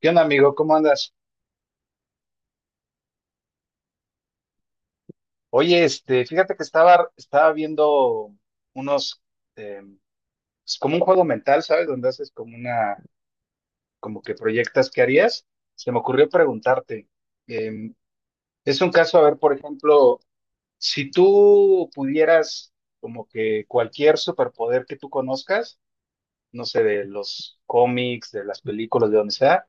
¿Qué onda, amigo? ¿Cómo andas? Oye, este, fíjate que estaba viendo unos, eh, es como un juego mental, ¿sabes? Donde haces como una, como que proyectas qué harías. Se me ocurrió preguntarte, eh, es un caso, a ver, por ejemplo, si tú pudieras como que cualquier superpoder que tú conozcas, no sé, de los cómics, de las películas, de donde sea,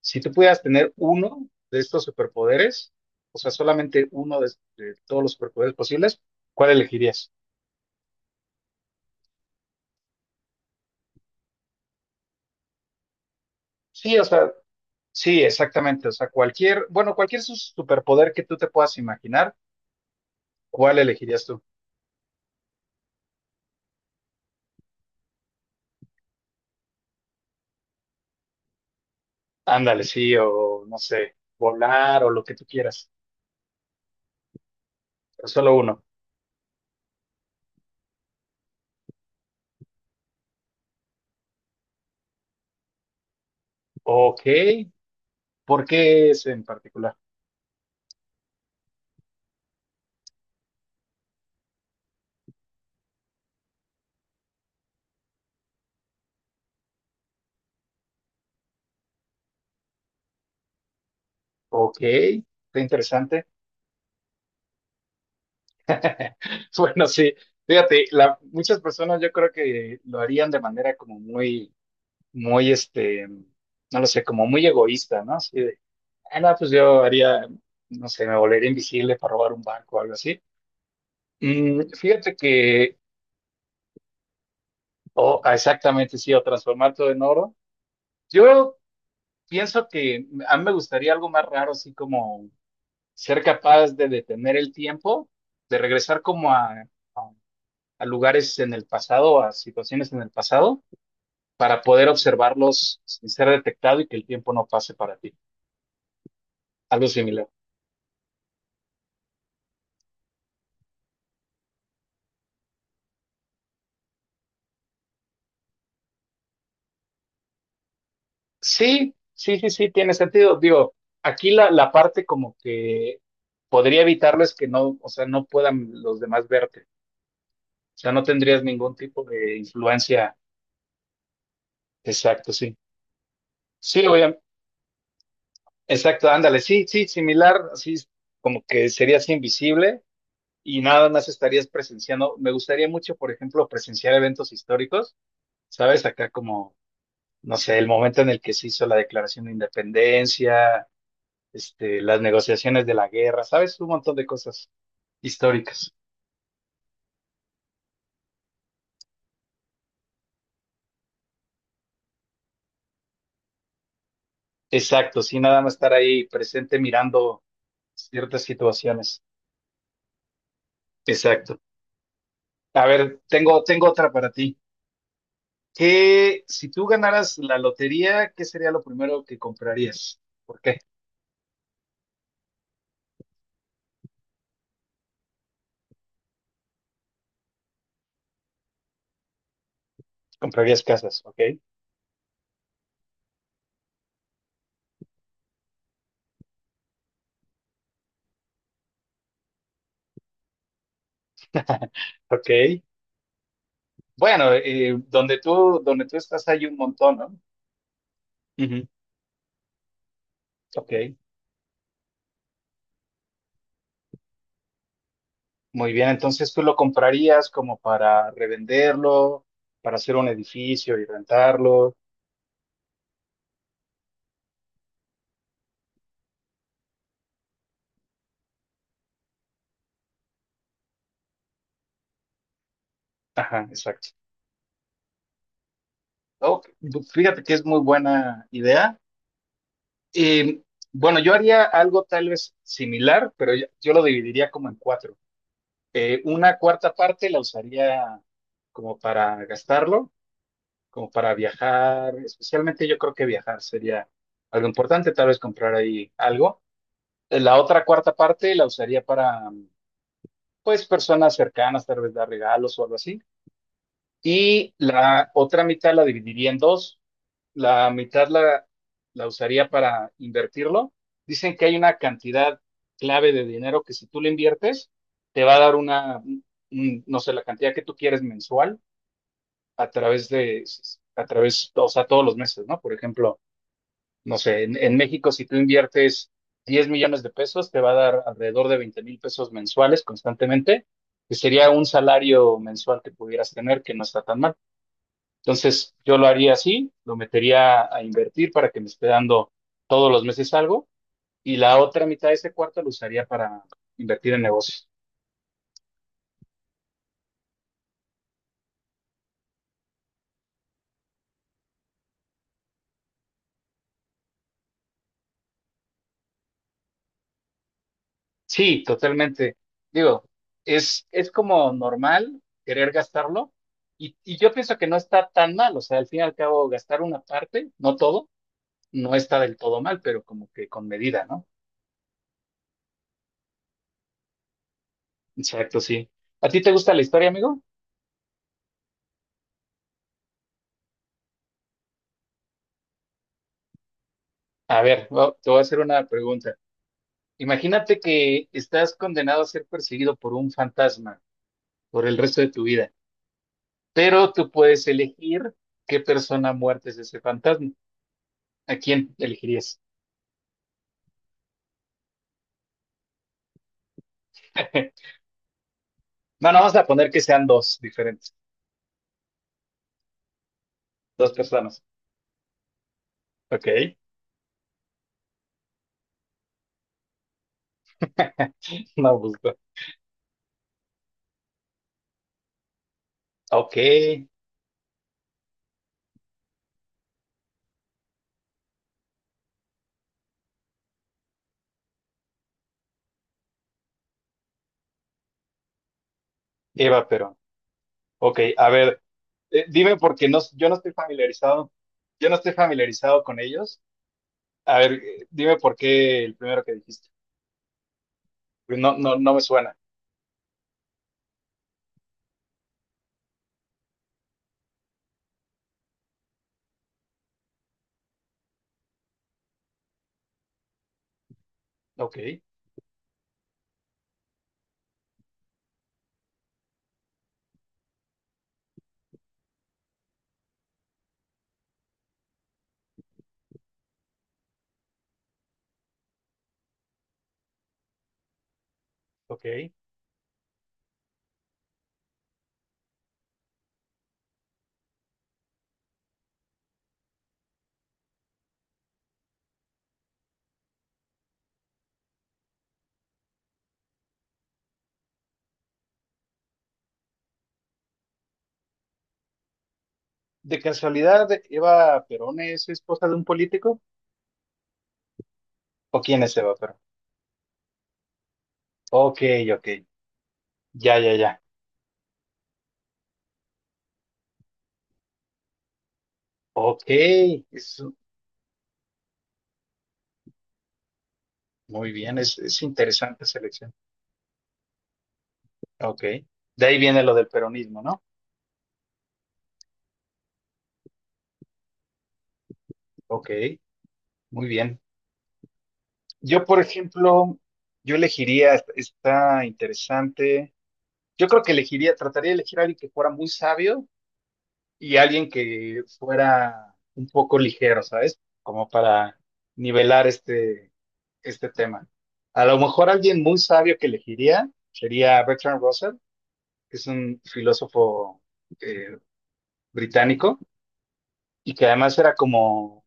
si tú pudieras tener uno de estos superpoderes, o sea, solamente uno de todos los superpoderes posibles, ¿cuál elegirías? Sí, o sea, sí, exactamente. O sea, cualquier, bueno, cualquier superpoder que tú te puedas imaginar, ¿cuál elegirías tú? Ándale, sí, o no sé, volar o lo que tú quieras, pero solo uno. Ok, ¿por qué ese en particular? Ok, está interesante. Bueno, sí, fíjate, muchas personas yo creo que lo harían de manera como muy muy, este, no lo sé, como muy egoísta, ¿no? Así de, ah, no, pues yo haría, no sé, me volvería invisible para robar un banco o algo así. Mm, fíjate que, o ah, exactamente, sí, o transformar todo en oro. Yo pienso que a mí me gustaría algo más raro, así como ser capaz de detener el tiempo, de regresar como a, a a lugares en el pasado, a situaciones en el pasado, para poder observarlos sin ser detectado y que el tiempo no pase para ti. Algo similar. Sí, sí, sí, sí, tiene sentido. Digo, aquí la parte como que podría evitarlo es que no, o sea, no puedan los demás verte. O sea, no tendrías ningún tipo de influencia. Exacto, sí. Sí, obviamente. Exacto, ándale. Sí, sí, similar, así como que serías invisible y nada más estarías presenciando. Me gustaría mucho, por ejemplo, presenciar eventos históricos, ¿sabes? Acá como, no sé, el momento en el que se hizo la Declaración de Independencia, este, las negociaciones de la guerra, ¿sabes? Un montón de cosas históricas. Exacto, sí, nada más estar ahí presente mirando ciertas situaciones. Exacto. A ver, tengo otra para ti. ¿Qué, si tú ganaras la lotería, qué sería lo primero que comprarías? ¿Por qué? Comprarías casas, ¿ok? Ok. Bueno, donde tú estás hay un montón, ¿no? Ujú. Ok. Muy bien, entonces tú lo comprarías como para revenderlo, para hacer un edificio y rentarlo. Ajá, exacto. Oh, fíjate que es muy buena idea. Eh, bueno, yo haría algo tal vez similar, pero yo lo dividiría como en cuatro. Una cuarta parte la usaría como para gastarlo, como para viajar, especialmente yo creo que viajar sería algo importante, tal vez comprar ahí algo. La otra cuarta parte la usaría para pues personas cercanas, tal vez dar regalos o algo así. Y la otra mitad la dividiría en dos. La mitad la, la usaría para invertirlo. Dicen que hay una cantidad clave de dinero que si tú le inviertes, te va a dar una, no sé, la cantidad que tú quieres mensual a través de, a través, o sea, todos los meses, ¿no? Por ejemplo, no sé, en México si tú inviertes 10 millones de pesos, te va a dar alrededor de 20 mil pesos mensuales constantemente, que sería un salario mensual que pudieras tener, que no está tan mal. Entonces, yo lo haría así, lo metería a invertir para que me esté dando todos los meses algo, y la otra mitad de ese cuarto lo usaría para invertir en negocios. Sí, totalmente. Digo, es como normal querer gastarlo, y yo pienso que no está tan mal, o sea, al fin y al cabo, gastar una parte, no todo no está del todo mal, pero como que con medida, ¿no? Exacto, sí. ¿A ti te gusta la historia, amigo? A ver, te voy a hacer una pregunta. Imagínate que estás condenado a ser perseguido por un fantasma por el resto de tu vida, pero tú puedes elegir qué persona muerta es ese fantasma. ¿A quién elegirías? No, no, vamos a poner que sean dos diferentes, dos personas. Ok, no, gusto. Ok, Eva Perón. Ok, a ver, dime porque no, yo no estoy familiarizado, yo no estoy familiarizado con ellos. A ver, dime por qué el primero que dijiste. Pues no, no, no me suena. Ok, ok. ¿De casualidad Eva Perón es esposa de un político? ¿O quién es Eva Perón? Ok, ok. Ya, ya, ya. Ok, es- muy bien, es interesante selección. Ok. De ahí viene lo del peronismo, ¿no? Ok, muy bien. Yo, por ejemplo, yo elegiría, está interesante. Yo creo que elegiría, trataría de elegir a alguien que fuera muy sabio y alguien que fuera un poco ligero, ¿sabes? Como para nivelar este, este tema. A lo mejor alguien muy sabio que elegiría sería Bertrand Russell, que es un filósofo, eh, británico y que además era como,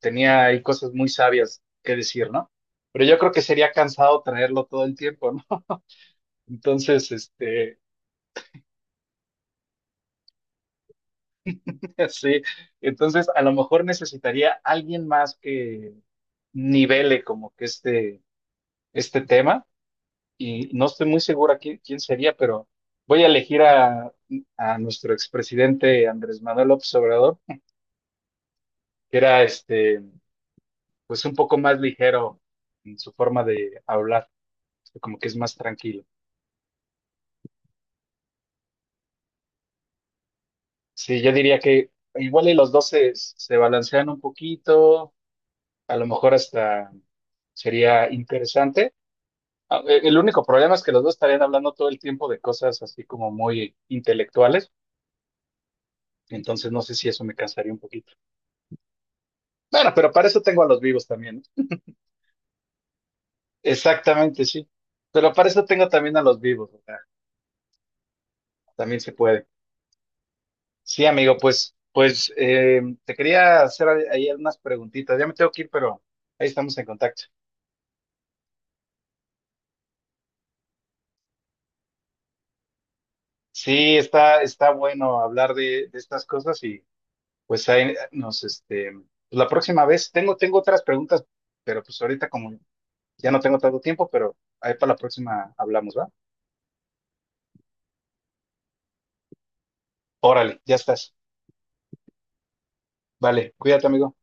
tenía ahí cosas muy sabias que decir, ¿no? Pero yo creo que sería cansado traerlo todo el tiempo, ¿no? Entonces, este, sí, entonces a lo mejor necesitaría alguien más que nivele como que este tema y no estoy muy segura quién sería, pero voy a elegir a nuestro expresidente Andrés Manuel López Obrador, que era este, pues un poco más ligero en su forma de hablar, como que es más tranquilo. Sí, yo diría que igual y los dos se, se balancean un poquito, a lo mejor hasta sería interesante. Ah, el único problema es que los dos estarían hablando todo el tiempo de cosas así como muy intelectuales, entonces no sé si eso me cansaría un poquito. Bueno, pero para eso tengo a los vivos también, ¿no? Exactamente, sí. Pero para eso tengo también a los vivos, o sea, también se puede. Sí, amigo, pues, pues te quería hacer ahí unas preguntitas. Ya me tengo que ir, pero ahí estamos en contacto. Sí, está bueno hablar de estas cosas y pues ahí nos, este, pues, la próxima vez tengo otras preguntas, pero pues ahorita como ya no tengo tanto tiempo, pero ahí para la próxima hablamos, ¿va? Órale, ya estás. Vale, cuídate, amigo.